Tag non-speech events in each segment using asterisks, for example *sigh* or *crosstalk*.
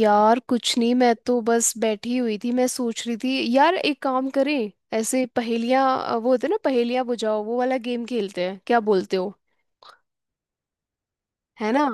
यार कुछ नहीं, मैं तो बस बैठी हुई थी। मैं सोच रही थी यार, एक काम करें, ऐसे पहेलियां वो होते हैं ना, पहेलियां बुझाओ, वो वाला गेम खेलते हैं, क्या बोलते हो। है ना।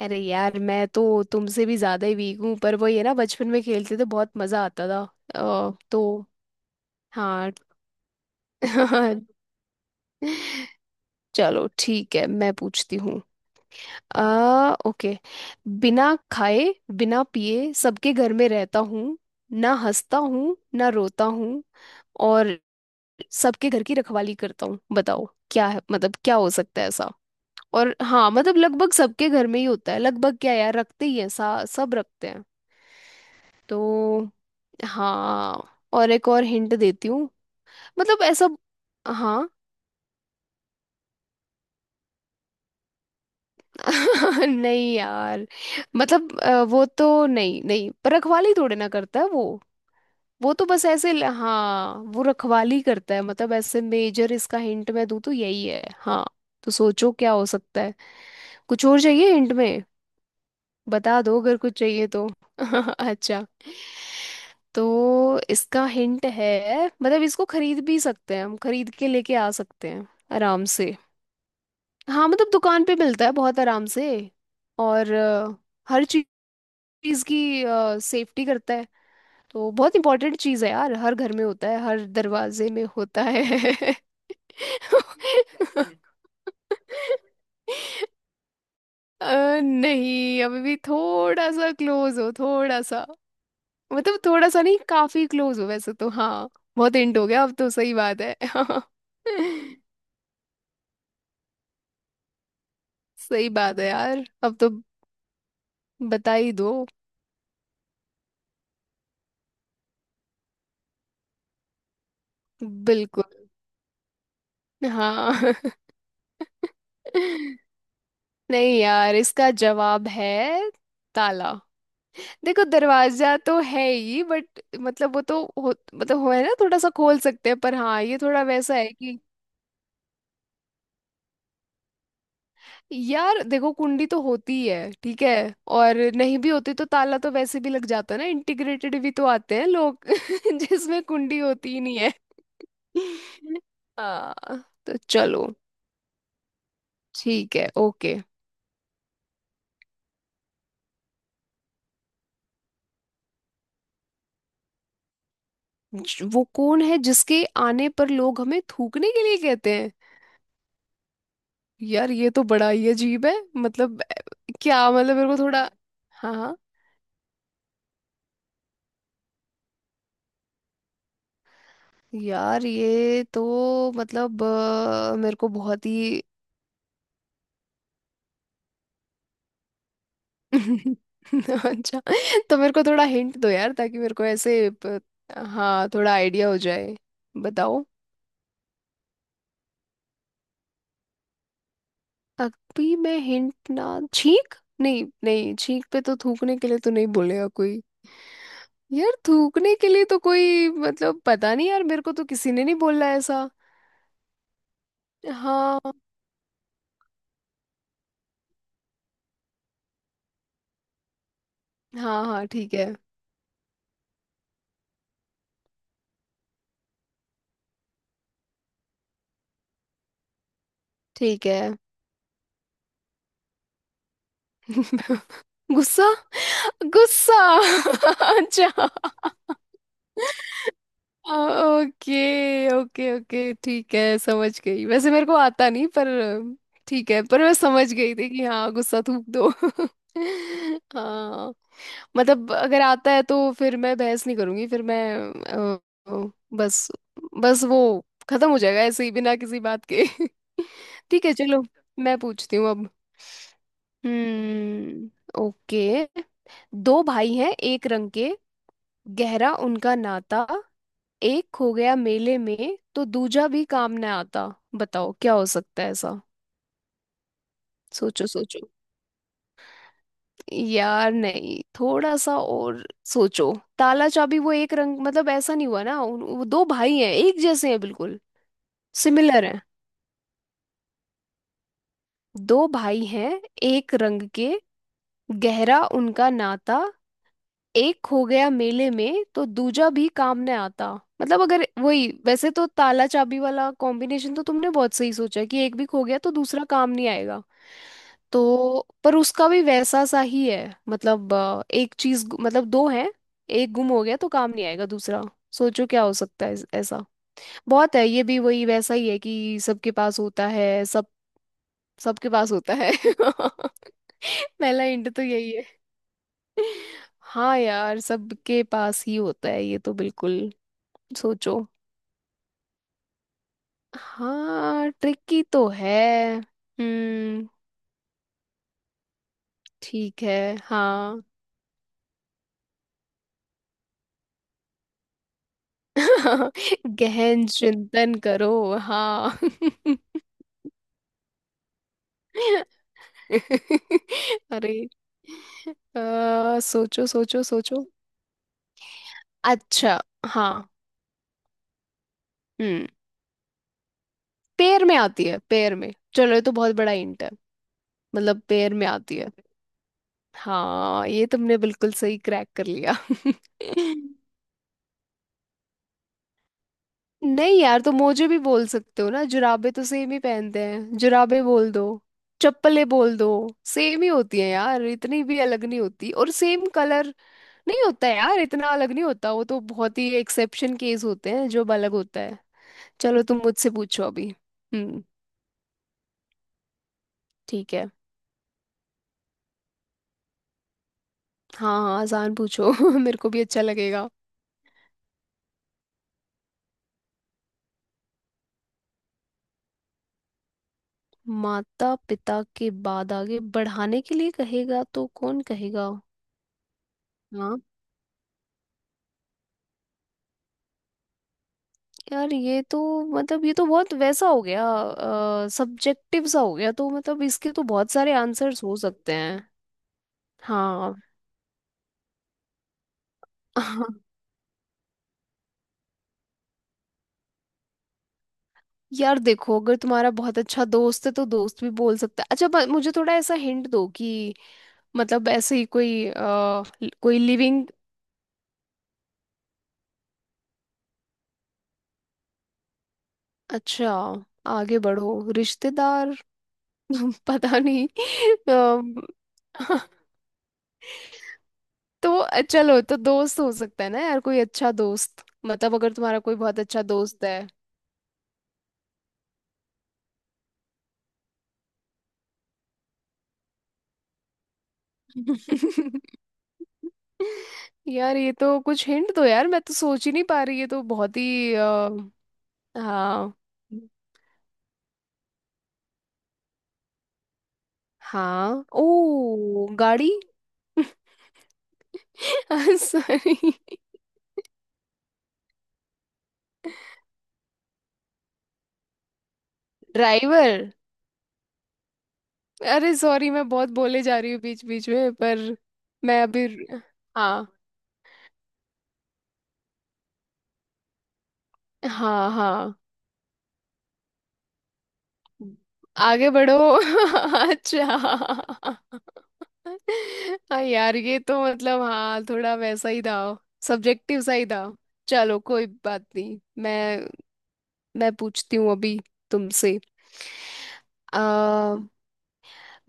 अरे यार, मैं तो तुमसे भी ज्यादा ही वीक हूँ, पर वो ये ना, बचपन में खेलते थे, बहुत मजा आता था। तो हाँ। *laughs* चलो ठीक है, मैं पूछती हूँ। आ। ओके। बिना खाए बिना पिए सबके घर में रहता हूँ, ना हंसता हूँ ना रोता हूँ, और सबके घर की रखवाली करता हूँ। बताओ क्या है, मतलब क्या हो सकता है ऐसा। और हाँ, मतलब लगभग सबके घर में ही होता है। लगभग क्या यार, रखते ही हैं, सा सब रखते हैं। तो हाँ, और एक और हिंट देती हूँ। मतलब ऐसा। हाँ। *laughs* नहीं यार, मतलब वो तो नहीं नहीं, पर रखवाली थोड़े ना करता है वो। वो तो बस ऐसे हाँ वो रखवाली करता है, मतलब ऐसे मेजर इसका हिंट मैं दूँ तो यही है, हाँ। तो सोचो क्या हो सकता है। कुछ और चाहिए हिंट में, बता दो अगर कुछ चाहिए तो। *laughs* अच्छा, तो इसका हिंट है, मतलब इसको खरीद भी सकते हैं, हम खरीद के लेके आ सकते हैं आराम से। हाँ मतलब दुकान पे मिलता है बहुत आराम से। और हर चीज की सेफ्टी करता है। तो बहुत इंपॉर्टेंट चीज़ है यार, हर घर में होता है, हर दरवाजे में होता है। *laughs* नहीं, अभी भी थोड़ा सा क्लोज हो, थोड़ा सा। मतलब थोड़ा सा नहीं, काफी क्लोज हो वैसे तो, हाँ। बहुत हिंट हो गया अब तो, सही बात है। *laughs* सही बात है यार, अब तो बता ही दो। बिल्कुल। हाँ। *laughs* नहीं यार, इसका जवाब है ताला। देखो दरवाजा तो है ही, बट मतलब वो तो मतलब हो है ना, थोड़ा सा खोल सकते हैं, पर हाँ ये थोड़ा वैसा है कि। यार देखो कुंडी तो होती ही है ठीक है, और नहीं भी होती तो ताला तो वैसे भी लग जाता है ना, इंटीग्रेटेड भी तो आते हैं लोग *laughs* जिसमें कुंडी होती ही नहीं है। *laughs* हाँ। तो चलो ठीक है, ओके। वो कौन है जिसके आने पर लोग हमें थूकने के लिए कहते हैं। यार ये तो बड़ा ही अजीब है, मतलब क्या, मतलब मेरे को थोड़ा, हाँ हाँ। यार ये तो मतलब मेरे को बहुत ही। *laughs* अच्छा, तो मेरे को थोड़ा हिंट दो यार, ताकि मेरे को ऐसे हाँ थोड़ा आइडिया हो जाए। बताओ। अभी मैं हिंट ना छींक। नहीं नहीं, छींक पे तो थूकने के लिए तो नहीं बोलेगा कोई। यार थूकने के लिए तो कोई, मतलब पता नहीं यार, मेरे को तो किसी ने नहीं बोला ऐसा। हाँ। हाँ हाँ ठीक है ठीक है। *laughs* गुस्सा, गुस्सा। *laughs* अच्छा। Okay okay okay. *laughs* ठीक है, समझ गई, वैसे मेरे को आता नहीं पर। ठीक है, पर मैं समझ गई थी कि हाँ, गुस्सा थूक दो। *laughs* हाँ। मतलब अगर आता है तो फिर मैं बहस नहीं करूंगी, फिर मैं अ, अ, बस बस वो खत्म हो जाएगा ऐसे ही बिना किसी बात के। *laughs* ठीक है चलो, मैं पूछती हूँ अब। हम्म। ओके। दो भाई हैं एक रंग के, गहरा उनका नाता, एक खो गया मेले में तो दूजा भी काम न आता। बताओ क्या हो सकता है ऐसा। सोचो सोचो। यार नहीं, थोड़ा सा और सोचो। ताला चाबी, वो एक रंग, मतलब ऐसा नहीं हुआ ना, वो दो भाई हैं, एक जैसे हैं बिल्कुल, सिमिलर हैं। दो भाई हैं एक रंग के, गहरा उनका नाता, एक हो गया मेले में तो दूजा भी काम ने आता। मतलब अगर वही वैसे तो, ताला चाबी वाला कॉम्बिनेशन तो तुमने बहुत सही सोचा कि एक भी खो गया तो दूसरा काम नहीं आएगा। तो पर उसका भी वैसा सा ही है, मतलब एक चीज मतलब दो है, एक गुम हो गया तो काम नहीं आएगा दूसरा। सोचो क्या हो सकता है ऐसा। बहुत है, ये भी वही वैसा ही है कि सबके पास होता है, सब सबके पास होता है। *laughs* पहला इंट तो यही है। हाँ यार, सबके पास ही होता है, ये तो बिल्कुल। सोचो। हाँ ट्रिकी तो है। हम्म। ठीक है। हाँ। *laughs* गहन चिंतन करो। हाँ। *laughs* अरे, सोचो सोचो सोचो। अच्छा। हाँ। हम्म। पैर में आती है, पैर में। चलो ये तो बहुत बड़ा हिंट है, मतलब पैर में आती है। हाँ ये तुमने बिल्कुल सही क्रैक कर लिया। *laughs* नहीं यार, तो मोजे भी बोल सकते हो ना, जुराबे तो सेम ही पहनते हैं, जुराबे बोल दो, चप्पलें बोल दो, सेम ही होती है यार, इतनी भी अलग नहीं होती, और सेम कलर नहीं होता यार, इतना अलग नहीं होता, वो तो बहुत ही एक्सेप्शन केस होते हैं जो अलग होता है। चलो तुम मुझसे पूछो अभी। हम्म। ठीक है। हाँ हाँ आसान पूछो। *laughs* मेरे को भी अच्छा लगेगा। माता पिता के बाद आगे बढ़ाने के लिए कहेगा तो कौन कहेगा। हाँ यार ये तो मतलब, ये तो बहुत वैसा हो गया, सब्जेक्टिव सा हो गया, तो मतलब इसके तो बहुत सारे आंसर्स हो सकते हैं। हाँ। *laughs* हाँ। यार देखो, अगर तुम्हारा बहुत अच्छा दोस्त है तो दोस्त भी बोल सकता है। अच्छा मुझे थोड़ा ऐसा हिंट दो कि मतलब ऐसे ही कोई कोई लिविंग। अच्छा, आगे बढ़ो, रिश्तेदार। *laughs* पता नहीं। अम, *laughs* तो चलो, तो दोस्त हो सकता है ना यार, कोई अच्छा दोस्त, मतलब अगर तुम्हारा कोई बहुत अच्छा दोस्त है। *laughs* यार ये तो कुछ हिंट दो यार, मैं तो सोच ही नहीं पा रही, ये तो बहुत ही हाँ हाँ। ओ गाड़ी। *laughs* सॉरी। ड्राइवर। अरे सॉरी, मैं बहुत बोले जा रही हूँ बीच बीच में पर। मैं अभी। हाँ। हाँ हाँ। आगे बढ़ो। *laughs* अच्छा। हाँ यार, ये तो मतलब हाँ थोड़ा वैसा ही था, सब्जेक्टिव सा ही था। चलो कोई बात नहीं, मैं मैं पूछती हूँ अभी तुमसे। आ,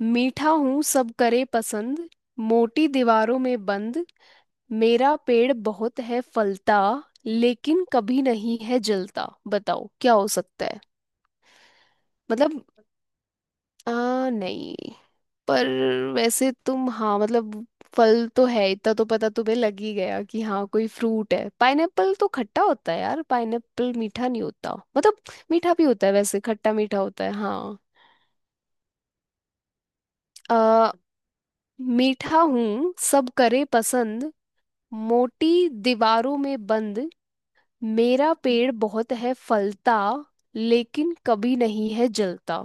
मीठा हूँ सब करे पसंद, मोटी दीवारों में बंद, मेरा पेड़ बहुत है फलता, लेकिन कभी नहीं है जलता। बताओ क्या हो सकता है। मतलब नहीं, पर वैसे तुम हाँ मतलब फल तो है, इतना तो पता तुम्हें लग ही गया कि हाँ कोई फ्रूट है। पाइनएप्पल तो खट्टा होता है यार, पाइनएप्पल मीठा नहीं होता, मतलब मीठा भी होता है वैसे, खट्टा मीठा होता है, हाँ। आ, मीठा हूँ सब करे पसंद, मोटी दीवारों में बंद, मेरा पेड़ बहुत है फलता, लेकिन कभी नहीं है जलता।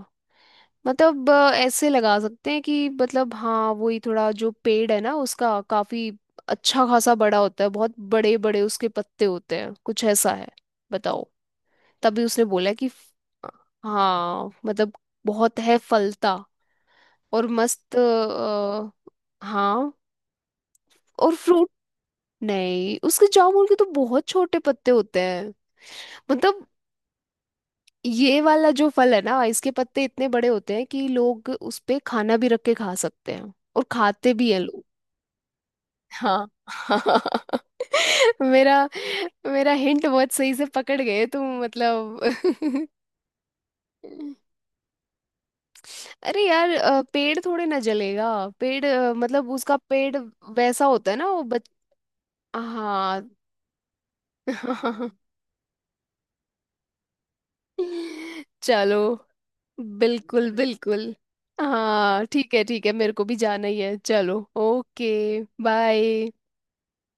मतलब ऐसे लगा सकते हैं कि मतलब हाँ, वही थोड़ा जो पेड़ है ना, उसका काफी अच्छा खासा बड़ा होता है, बहुत बड़े बड़े उसके पत्ते होते हैं, कुछ ऐसा है। बताओ। तभी उसने बोला कि हाँ मतलब, बहुत है फलता और मस्त हाँ और फ्रूट। नहीं उसके, जामुन के तो बहुत छोटे पत्ते होते हैं। मतलब ये वाला जो फल है ना, इसके पत्ते इतने बड़े होते हैं कि लोग उस पे खाना भी रख के खा सकते हैं, और खाते भी हैं लोग। हाँ। *laughs* मेरा मेरा हिंट बहुत सही से पकड़ गए तुम, मतलब। *laughs* अरे यार, पेड़ थोड़े ना जलेगा, पेड़ मतलब उसका पेड़ वैसा होता है ना वो बच। हाँ। *laughs* चलो। बिल्कुल बिल्कुल। हाँ ठीक है ठीक है, मेरे को भी जाना ही है, चलो ओके। बाय।